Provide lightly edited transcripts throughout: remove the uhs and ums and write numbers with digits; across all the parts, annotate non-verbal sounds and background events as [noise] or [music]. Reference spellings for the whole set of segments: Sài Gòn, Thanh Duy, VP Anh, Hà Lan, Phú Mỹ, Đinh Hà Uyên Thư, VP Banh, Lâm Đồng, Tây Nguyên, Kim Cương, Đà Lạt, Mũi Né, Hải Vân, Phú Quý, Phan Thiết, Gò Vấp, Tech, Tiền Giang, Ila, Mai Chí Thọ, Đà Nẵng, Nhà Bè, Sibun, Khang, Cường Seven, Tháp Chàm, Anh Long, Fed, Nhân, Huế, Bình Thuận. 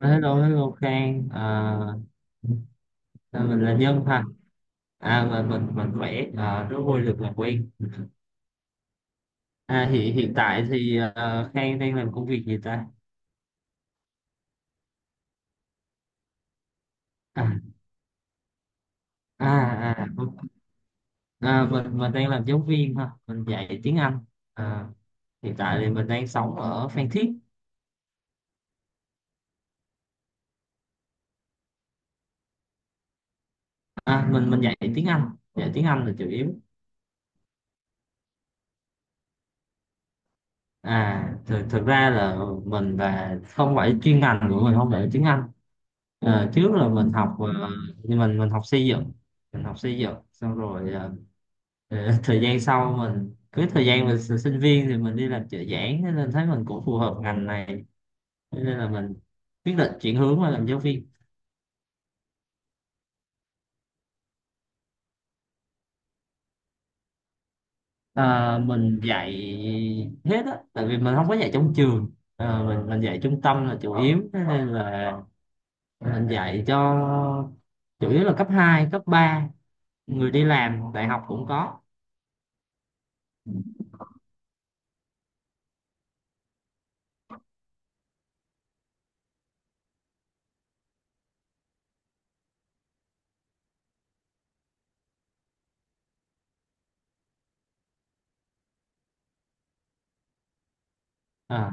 Hello, hello Khang, mình là Nhân ha. Mình khỏe, rất vui được làm quen. Hiện hiện tại thì à, Khang đang làm công việc gì ta? À, à, ok. Mình đang làm giáo viên ha, mình dạy tiếng Anh. À, hiện tại thì mình đang sống ở Phan Thiết. À, mình dạy tiếng Anh là chủ yếu. À, thực ra là mình không phải chuyên ngành của mình không phải tiếng Anh. Ờ, trước là mình học ờ, Nhưng mình học xây dựng. Mình học xây dựng xong rồi, [laughs] thời gian sau mình cứ thời gian mình s- sinh viên thì mình đi làm trợ giảng, thế nên thấy mình cũng phù hợp ngành này. Thế nên là mình quyết định chuyển hướng qua làm giáo viên. Ờ, mình dạy hết á, tại vì mình không có dạy trong trường. Ờ, mình dạy trung tâm là chủ yếu, thế nên là mình dạy cho, chủ yếu là cấp 2 cấp ba, người đi làm đại học cũng có. Ờ,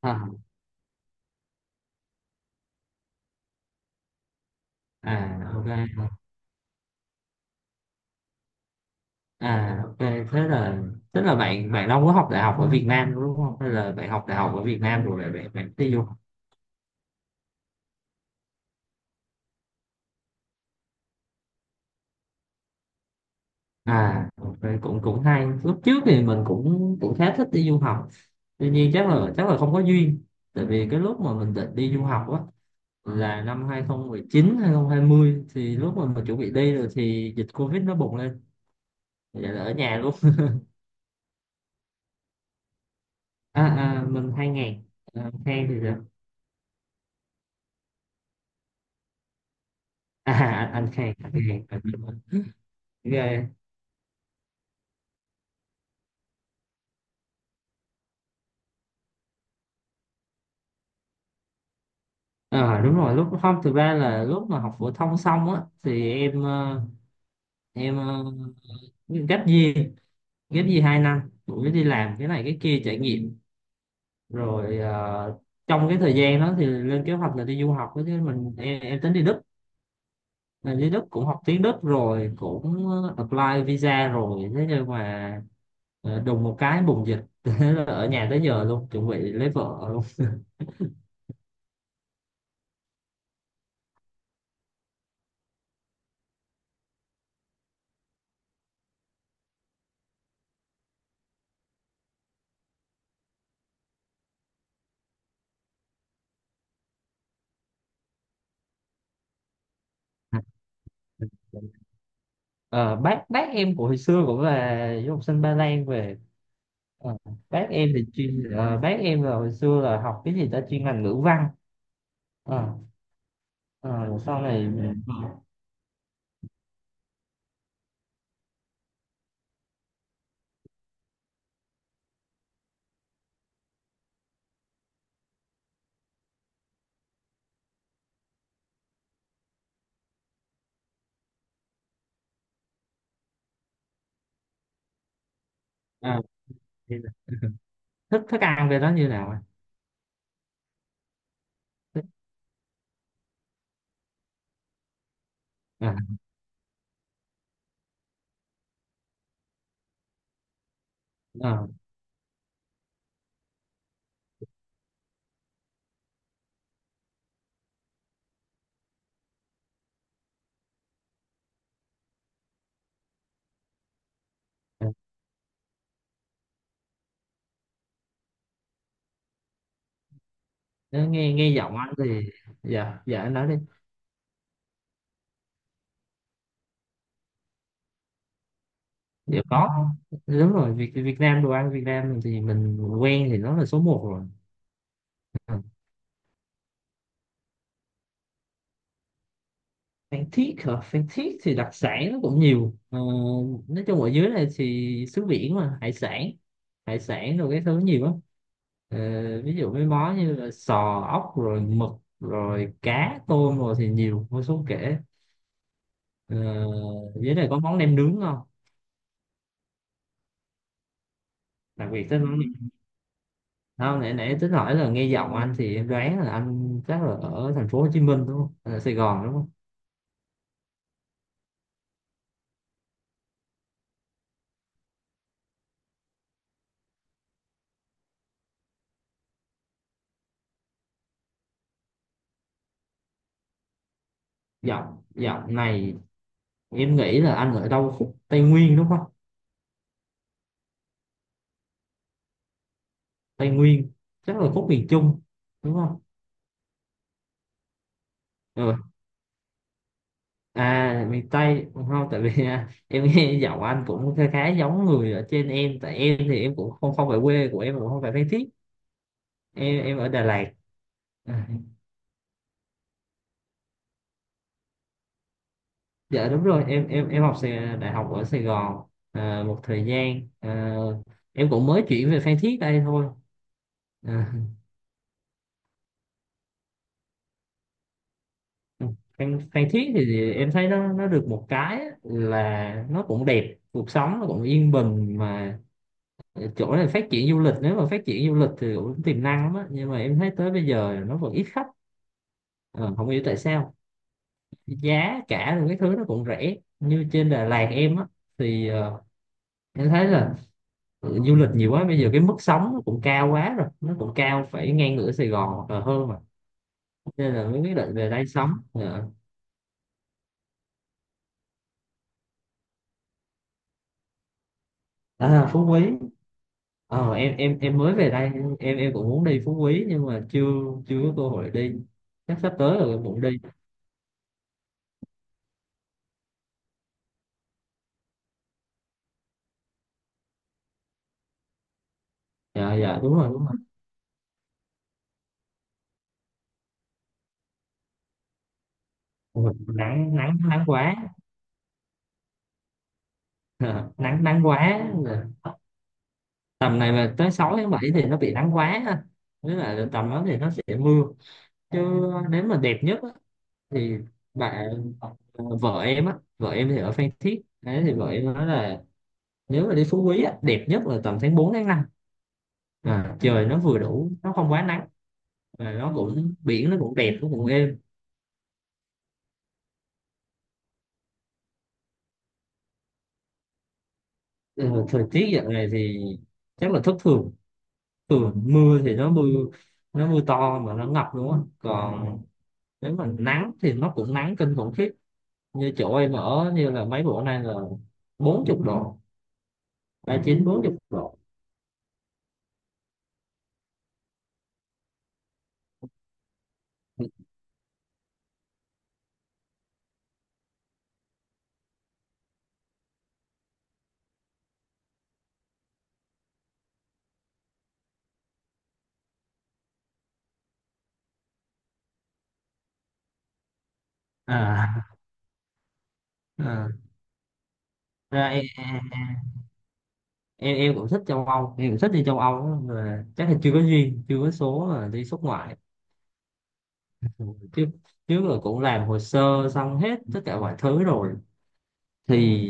ờ, À ok. À, ok, thế là, tức là bạn bạn đâu có học đại học ở Việt Nam đúng không? Hay là bạn học đại học ở Việt Nam rồi lại bạn bạn đi du học? À, ok, cũng cũng hay. Lúc trước thì mình cũng cũng khá thích đi du học. Tuy nhiên chắc là không có duyên. Tại vì cái lúc mà mình định đi du học á là năm hai không một chín hai không hai 2020, thì lúc mà mình chuẩn bị đi rồi thì dịch Covid nó bùng lên. Vậy là ở nhà luôn. À, à mình 2000. À, Khang thì sao? À, anh Khang, anh Khang. Ờ đúng rồi lúc không thực ra là lúc mà học phổ thông xong á thì em gap year. Gap year hai năm, cũng đi làm cái này cái kia trải nghiệm, rồi trong cái thời gian đó thì lên kế hoạch là đi du học đó, chứ mình em tính đi Đức. Mà đi Đức cũng học tiếng Đức rồi, cũng apply visa rồi, thế nhưng mà đùng một cái bùng dịch. [laughs] Thế là ở nhà tới giờ luôn, chuẩn bị lấy vợ luôn. [laughs] Ờ, bác em của hồi xưa cũng là du học sinh Ba Lan về. Ờ, bác em thì chuyên ờ, bác em là hồi xưa là học cái gì ta, chuyên ngành ngữ văn. Ờ, ờ, rồi sau này, ờ, thì thức thức ăn về đó như nào ạ? Thức- ờ, ờ, ờ. Nếu nghe nghe giọng anh thì, dạ dạ anh nói đi. Dạ có, đúng rồi Việt Việt Nam, đồ ăn Việt Nam thì mình quen thì nó là số một rồi. Ờ. Phan Thiết hả? Phan Thiết thì đặc sản nó cũng nhiều. Ờ, nói chung ở dưới này thì xứ biển mà, hải sản rồi cái thứ nhiều lắm. Ờ, ví dụ mấy món như là sò, ốc rồi mực rồi cá tôm rồi thì nhiều vô số kể. Ờ, dưới này có món nem nướng không? Đặc biệt tới món nem. Không, nãy nãy tính hỏi là nghe giọng anh thì em đoán là anh chắc là ở thành phố Hồ Chí Minh đúng không? Hay Sài Gòn đúng không? Giọng Giọng này em nghĩ là anh ở đâu khúc Tây Nguyên đúng không? Tây Nguyên, chắc là khúc miền Trung đúng không? Ừ. À miền Tây không, tại vì à, em nghe giọng anh cũng khá khá giống người ở trên em, tại em thì em cũng không không phải, quê của em cũng không phải Phan Thiết, em ở Đà Lạt. À, dạ đúng rồi em em học đại học ở Sài Gòn. À, một thời gian à, em cũng mới chuyển về Phan Thiết đây thôi. À, Phan Thiết thì em thấy nó được một cái á, là nó cũng đẹp, cuộc sống nó cũng yên bình mà, chỗ này phát triển du lịch, nếu mà phát triển du lịch thì cũng tiềm năng lắm á, nhưng mà em thấy tới bây giờ nó vẫn ít khách. Ờ, không hiểu tại sao, giá cả rồi cái thứ nó cũng rẻ như trên Đà Lạt em á, thì ờ, em thấy là ừ, du lịch nhiều quá bây giờ cái mức sống nó cũng cao quá rồi, nó cũng cao phải ngang ngửa Sài Gòn hoặc là hơn mà, nên là mới quyết định về đây sống. Ờ. À, Phú Quý, em em mới về đây, em cũng muốn đi Phú Quý nhưng mà chưa chưa có cơ hội đi, chắc sắp tới là cũng đi. Dạ dạ đúng rồi, đúng rồi. Ôi, nắng nắng nắng quá. Ờ, nắng nắng quá. Ờ, tầm này mà tới 6 tháng 7 thì nó bị nắng quá ha. Nghĩa là tầm đó thì nó sẽ mưa, chứ nếu mà đẹp nhất á, thì bạn ờ, vợ em á, vợ em thì ở Phan Thiết đấy, thì vợ em nói là nếu mà đi Phú Quý á, đẹp nhất là tầm tháng 4 tháng 5. À, trời nó vừa đủ, nó không quá nắng và nó cũng biển, nó cũng đẹp, nó cũng êm. Ừ, thời tiết dạo này thì chắc là thất thường, ừ, mưa thì nó mưa, nó mưa to mà nó ngập luôn á, còn nếu mà nắng thì nó cũng nắng kinh khủng khiếp, như chỗ em ở như là mấy bữa nay là 40 độ, 39 40 độ. à, à. Ra em, em cũng thích châu Âu, em cũng thích đi châu Âu á, mà chắc là chưa có duyên, chưa có số là đi xuất ngoại. Ừ, chứ trước là cũng làm hồ sơ xong hết tất cả mọi thứ rồi, thì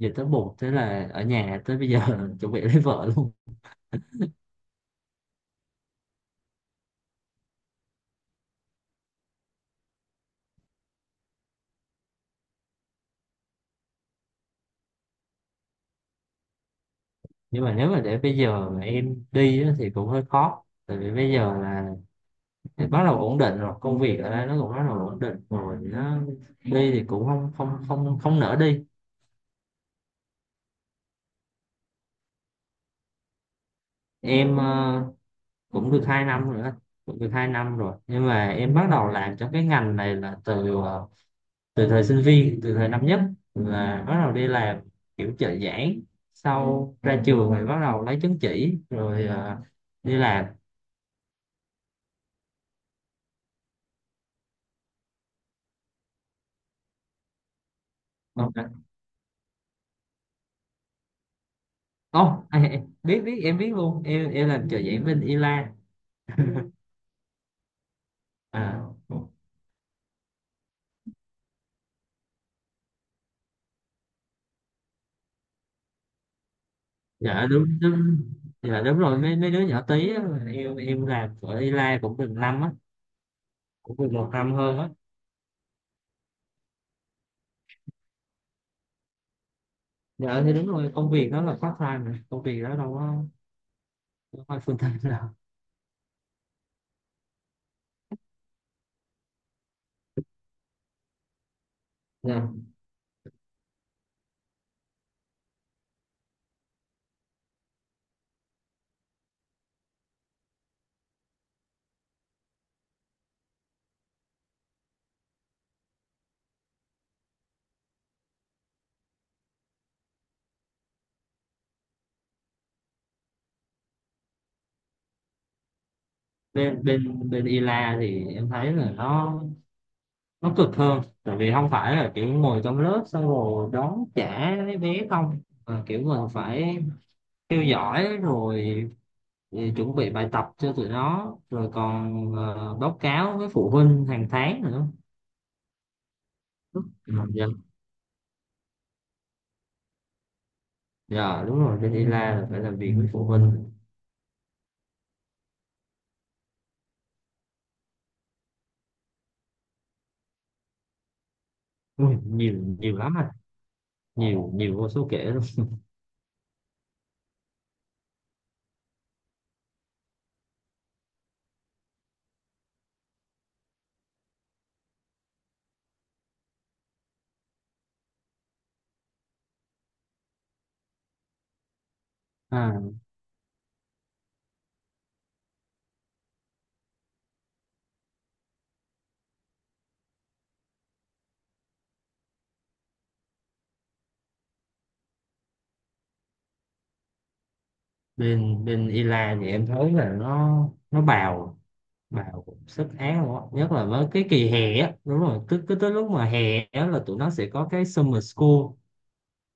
giờ tới buộc, thế là ở nhà tới bây giờ. [laughs] Chuẩn bị lấy vợ luôn. Nhưng mà nếu mà để bây giờ mà em đi á, thì cũng hơi khó, tại vì bây giờ là bắt đầu ổn định rồi, công việc ở đây nó cũng bắt đầu ổn định rồi, nó đi thì cũng không không không không nỡ đi. Em cũng được 2 năm rồi đó, cũng được 2 năm rồi, nhưng mà em bắt đầu làm trong cái ngành này là từ thời sinh viên, từ thời năm nhất là bắt đầu đi làm, kiểu trợ giảng, sau ra trường thì bắt đầu lấy chứng chỉ rồi, đi làm. Ồ, biết biết em biết luôn, em làm trợ giảng bên Ila. À, dạ đúng đúng dạ đúng rồi, mấy mấy đứa nhỏ tí á, em làm ở Ila cũng được năm á cũng được 1 năm hơn á. Dạ thì đúng rồi, công việc đó là part time mà. Công việc đó đâu có, đâu phải full time đâu. Dạ. bên bên Bên Ila thì em thấy là nó cực hơn, tại vì không phải là kiểu ngồi trong lớp xong rồi đón trả mấy bé không, mà kiểu mình phải theo dõi rồi, thì chuẩn bị bài tập cho tụi nó, rồi còn báo cáo với phụ huynh hàng tháng nữa. Ừ, dạ. Dạ, đúng rồi, bên ILA là phải làm việc với phụ huynh. Ui, nhiều, nhiều lắm anh, nhiều nhiều vô số kể luôn. À, bên bên ILA thì em thấy là nó bào, bào sức án luôn á, nhất là với cái kỳ hè á, đúng rồi, cứ cứ tới lúc mà hè á là tụi nó sẽ có cái summer school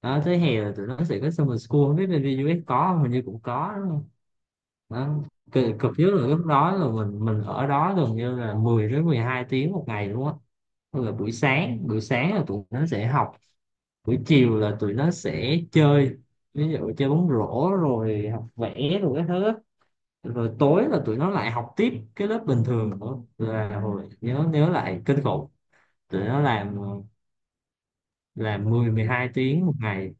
đó, tới hè là tụi nó sẽ có summer school, không biết bên US có không, hình như cũng có đó. Cực nhất là lúc đó là mình ở đó gần như là 10 đến 12 tiếng một ngày luôn á. Tức là buổi sáng là tụi nó sẽ học, buổi chiều là tụi nó sẽ chơi, ví dụ chơi bóng rổ rồi học vẽ rồi cái thứ á. Rồi tối là tụi nó lại học tiếp cái lớp bình thường nữa, là hồi nhớ nhớ lại kinh khủng. Tụi nó làm 10-12 tiếng một ngày.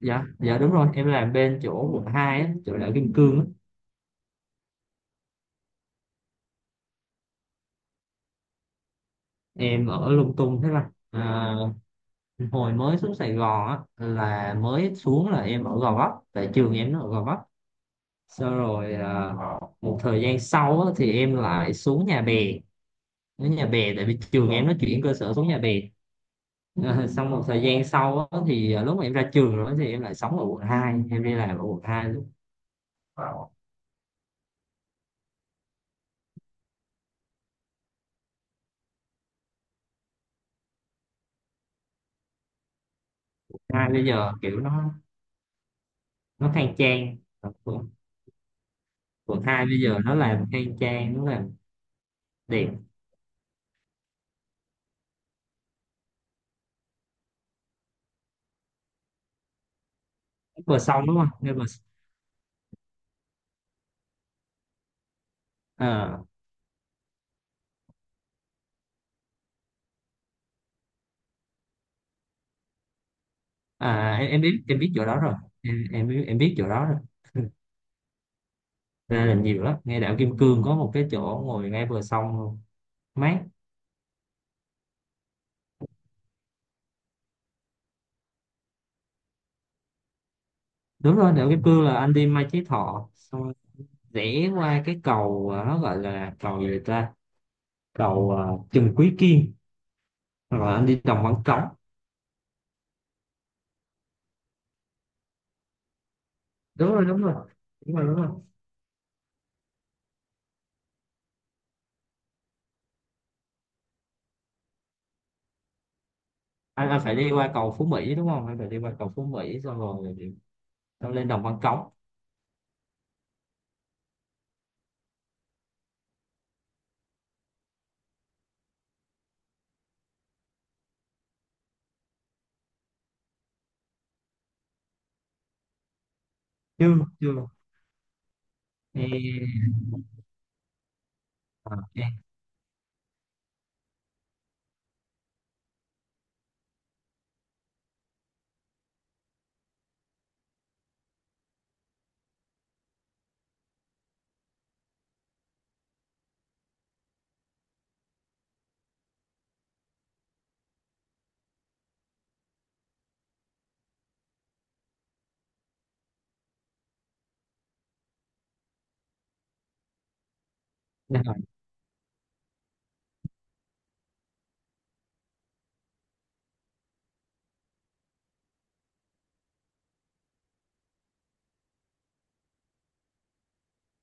Dạ dạ, đúng rồi, em làm bên chỗ quận 2 á, chỗ đảo Kim Cương á. Em ở lung tung, thế là hồi mới xuống Sài Gòn á, là mới xuống là em ở Gò Vấp, tại trường em nó ở Gò Vấp. Sau rồi, một thời gian sau á, thì em lại xuống Nhà Bè, đến Nhà Bè tại vì trường em nó chuyển cơ sở xuống Nhà Bè. À, xong một thời gian sau á, thì lúc mà em ra trường rồi thì em lại sống ở quận hai, em đi làm ở quận 2. Lúc hai bây giờ kiểu nó khang trang. Quận quận hai bây giờ nó làm khang trang, nó làm đẹp. Vừa xong đúng không nên mà. À, em biết chỗ đó rồi. Em biết chỗ đó rồi. Ra là nhiều lắm, ngay đảo Kim Cương có một cái chỗ ngồi ngay bờ sông luôn. Mát. Đúng rồi, đảo Kim Cương là anh đi Mai Chí Thọ xong rồi, rẽ qua cái cầu, nó gọi là cầu gì ta, cầu Trần Quý Kiên, rồi anh đi Đồng Văn Cống. Đúng rồi, đúng rồi. Đúng rồi, đúng rồi. Anh phải đi qua cầu Phú Mỹ đúng không, anh phải đi qua cầu Phú Mỹ xong rồi, xong lên Đồng Văn Cống. Chưa, chưa. Ê, ê, đúng rồi.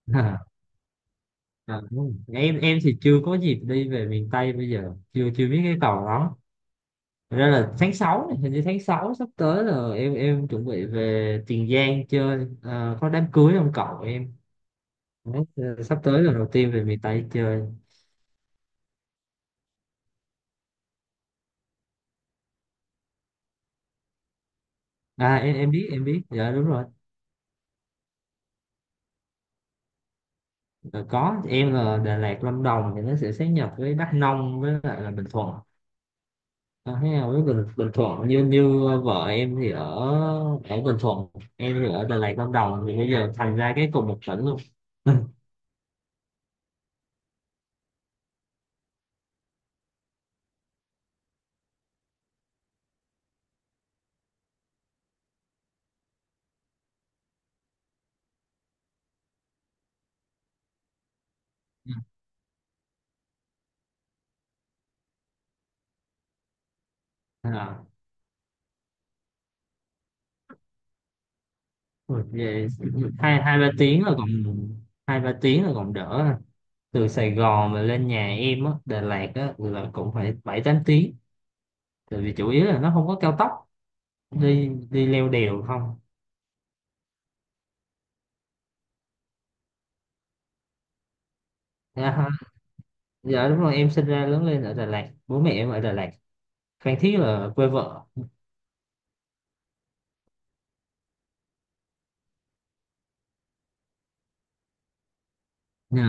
[laughs] À, không. Em thì chưa có dịp đi về miền Tây, bây giờ chưa chưa biết cái cầu đó. Thật ra là tháng 6 này, hình như tháng 6 sắp tới là em chuẩn bị về Tiền Giang chơi, có đám cưới ông cậu em. Đấy, sắp tới là đầu tiên về miền Tây chơi. Em biết, dạ đúng rồi. Ờ, có, em là Đà Lạt Lâm Đồng thì nó sẽ sáp nhập với Đắk Nông với lại là Bình Thuận. À, thế nào với Bình Thuận, như như vợ em thì ở, ở Bình Thuận. Em thì ở Đà Lạt Lâm Đồng thì bây giờ thành ra cái cùng một tỉnh luôn. [laughs] à, về hai hai ba tiếng là còn, 2-3 tiếng là còn đỡ à. Từ Sài Gòn mà lên nhà em á, Đà Lạt á, là cũng phải 7-8 tiếng, tại vì chủ yếu là nó không có cao tốc. Đi đi leo đèo không? À ha. Dạ đúng rồi, em sinh ra lớn lên ở Đà Lạt, bố mẹ em ở Đà Lạt. Phan Thiết là quê vợ. Dạ.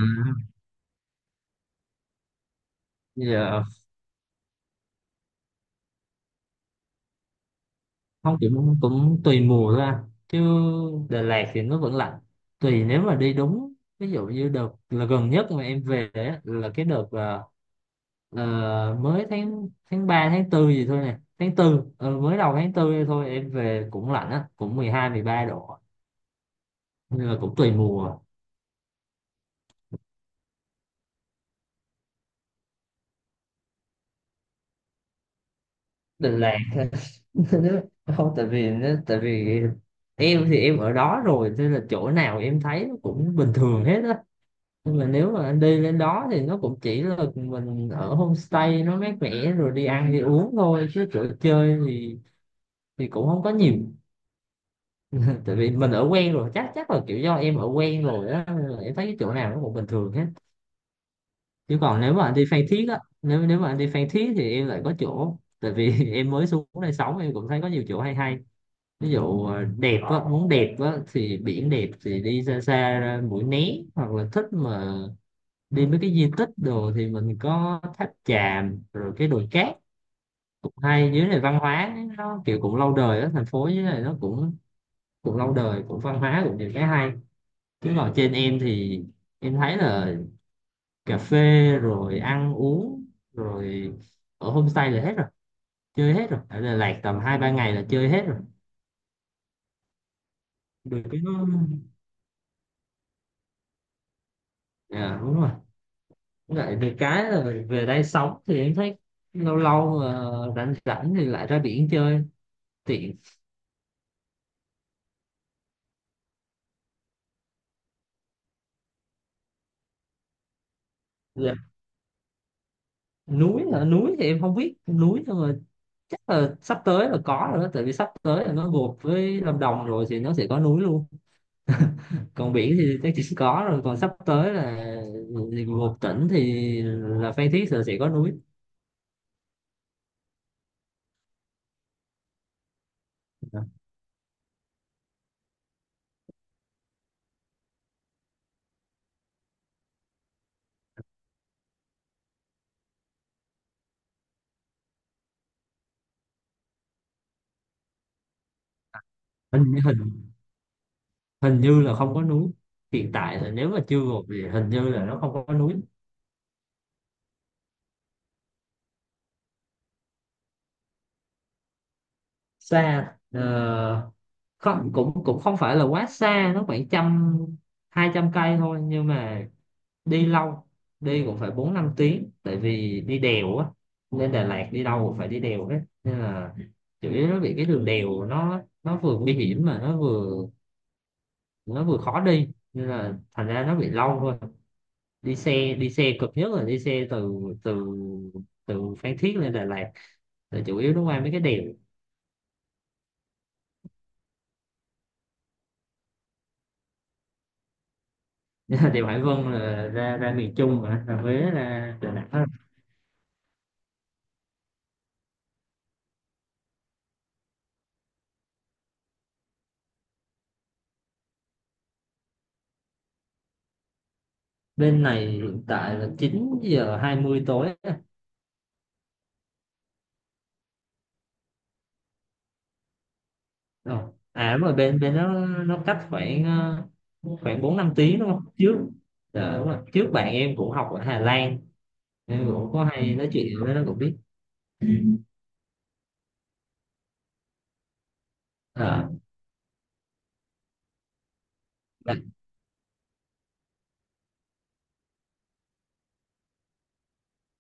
Giờ không, cũng cũng tùy mùa thôi anh chứ. Đà Lạt thì nó vẫn lạnh. Tùy nếu mà đi đúng, ví dụ như đợt là gần nhất mà em về á, là cái đợt mới tháng tháng 3 tháng tư gì thôi nè, tháng 4, mới đầu tháng 4 thôi em về cũng lạnh á, cũng 12-13 độ. Nhưng mà cũng tùy mùa. Đà Lạt. [laughs] Không, tại vì nó, tại vì em thì em ở đó rồi nên là chỗ nào em thấy nó cũng bình thường hết á. Nhưng mà nếu mà anh đi lên đó thì nó cũng chỉ là mình ở homestay nó mát mẻ, rồi đi ăn đi uống thôi, chứ chỗ chơi thì cũng không có nhiều. Tại vì mình ở quen rồi, chắc chắc là kiểu do em ở quen rồi á, nên là em thấy cái chỗ nào nó cũng bình thường hết. Chứ còn nếu mà anh đi Phan Thiết á, nếu nếu mà anh đi Phan Thiết thì em lại có chỗ, tại vì [laughs] em mới xuống đây sống em cũng thấy có nhiều chỗ hay hay. Ví dụ đẹp á, muốn đẹp á thì biển đẹp thì đi xa xa ra Mũi Né, hoặc là thích mà đi mấy cái di tích đồ thì mình có tháp chàm rồi cái đồi cát, cũng hay. Dưới này văn hóa nó kiểu cũng lâu đời đó, thành phố dưới này nó cũng cũng lâu đời, cũng văn hóa, cũng nhiều cái hay. Chứ còn trên em thì em thấy là cà phê, rồi ăn uống, rồi ở homestay là hết rồi. Chơi hết rồi, ở Đà Lạt tầm 2-3 ngày là chơi hết rồi. Được cái nó, dạ, đúng rồi. Với lại được cái là về đây sống thì em thấy lâu lâu mà rảnh rảnh thì lại ra biển chơi, tiện. Núi hả? Núi thì em không biết núi, nhưng mà chắc là sắp tới là có rồi đó, tại vì sắp tới là nó gộp với Lâm Đồng rồi thì nó sẽ có núi luôn. Còn biển thì chắc chỉ có rồi, còn sắp tới là thì gộp tỉnh thì là Phan Thiết là sẽ có núi. Hình hình hình như là không có núi, hiện tại là nếu mà chưa gộp thì hình như là nó không có núi. Xa không, cũng cũng không phải là quá xa, nó khoảng 100-200 cây thôi, nhưng mà đi lâu, đi cũng phải 4-5 tiếng, tại vì đi đèo á. Lên Đà Lạt đi đâu cũng phải đi đèo hết nên là chủ yếu nó bị cái đường đèo, nó vừa nguy hiểm mà nó vừa, nó vừa khó đi nên là thành ra nó bị lâu thôi. Đi xe, cực nhất là đi xe từ từ từ Phan Thiết lên Đà Lạt là chủ yếu nó qua mấy cái đèo. [laughs] Đèo Hải Vân là ra ra miền Trung, mà ra Huế, ra Đà Nẵng. Bên này hiện tại là 9:20 tối. Ờ. À đúng rồi, bên bên nó cách khoảng khoảng 4-5 tiếng đúng không trước. Dạ, đúng rồi. Trước bạn em cũng học ở Hà Lan, nên cũng có hay nói chuyện với nó, cũng biết. Ừ. Ờ, dạ,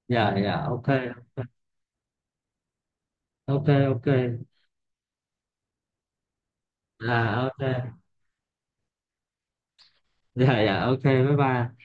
dạ, dạ, ok, ok, ok. À ok. Dạ, dạ, ok, bye bye.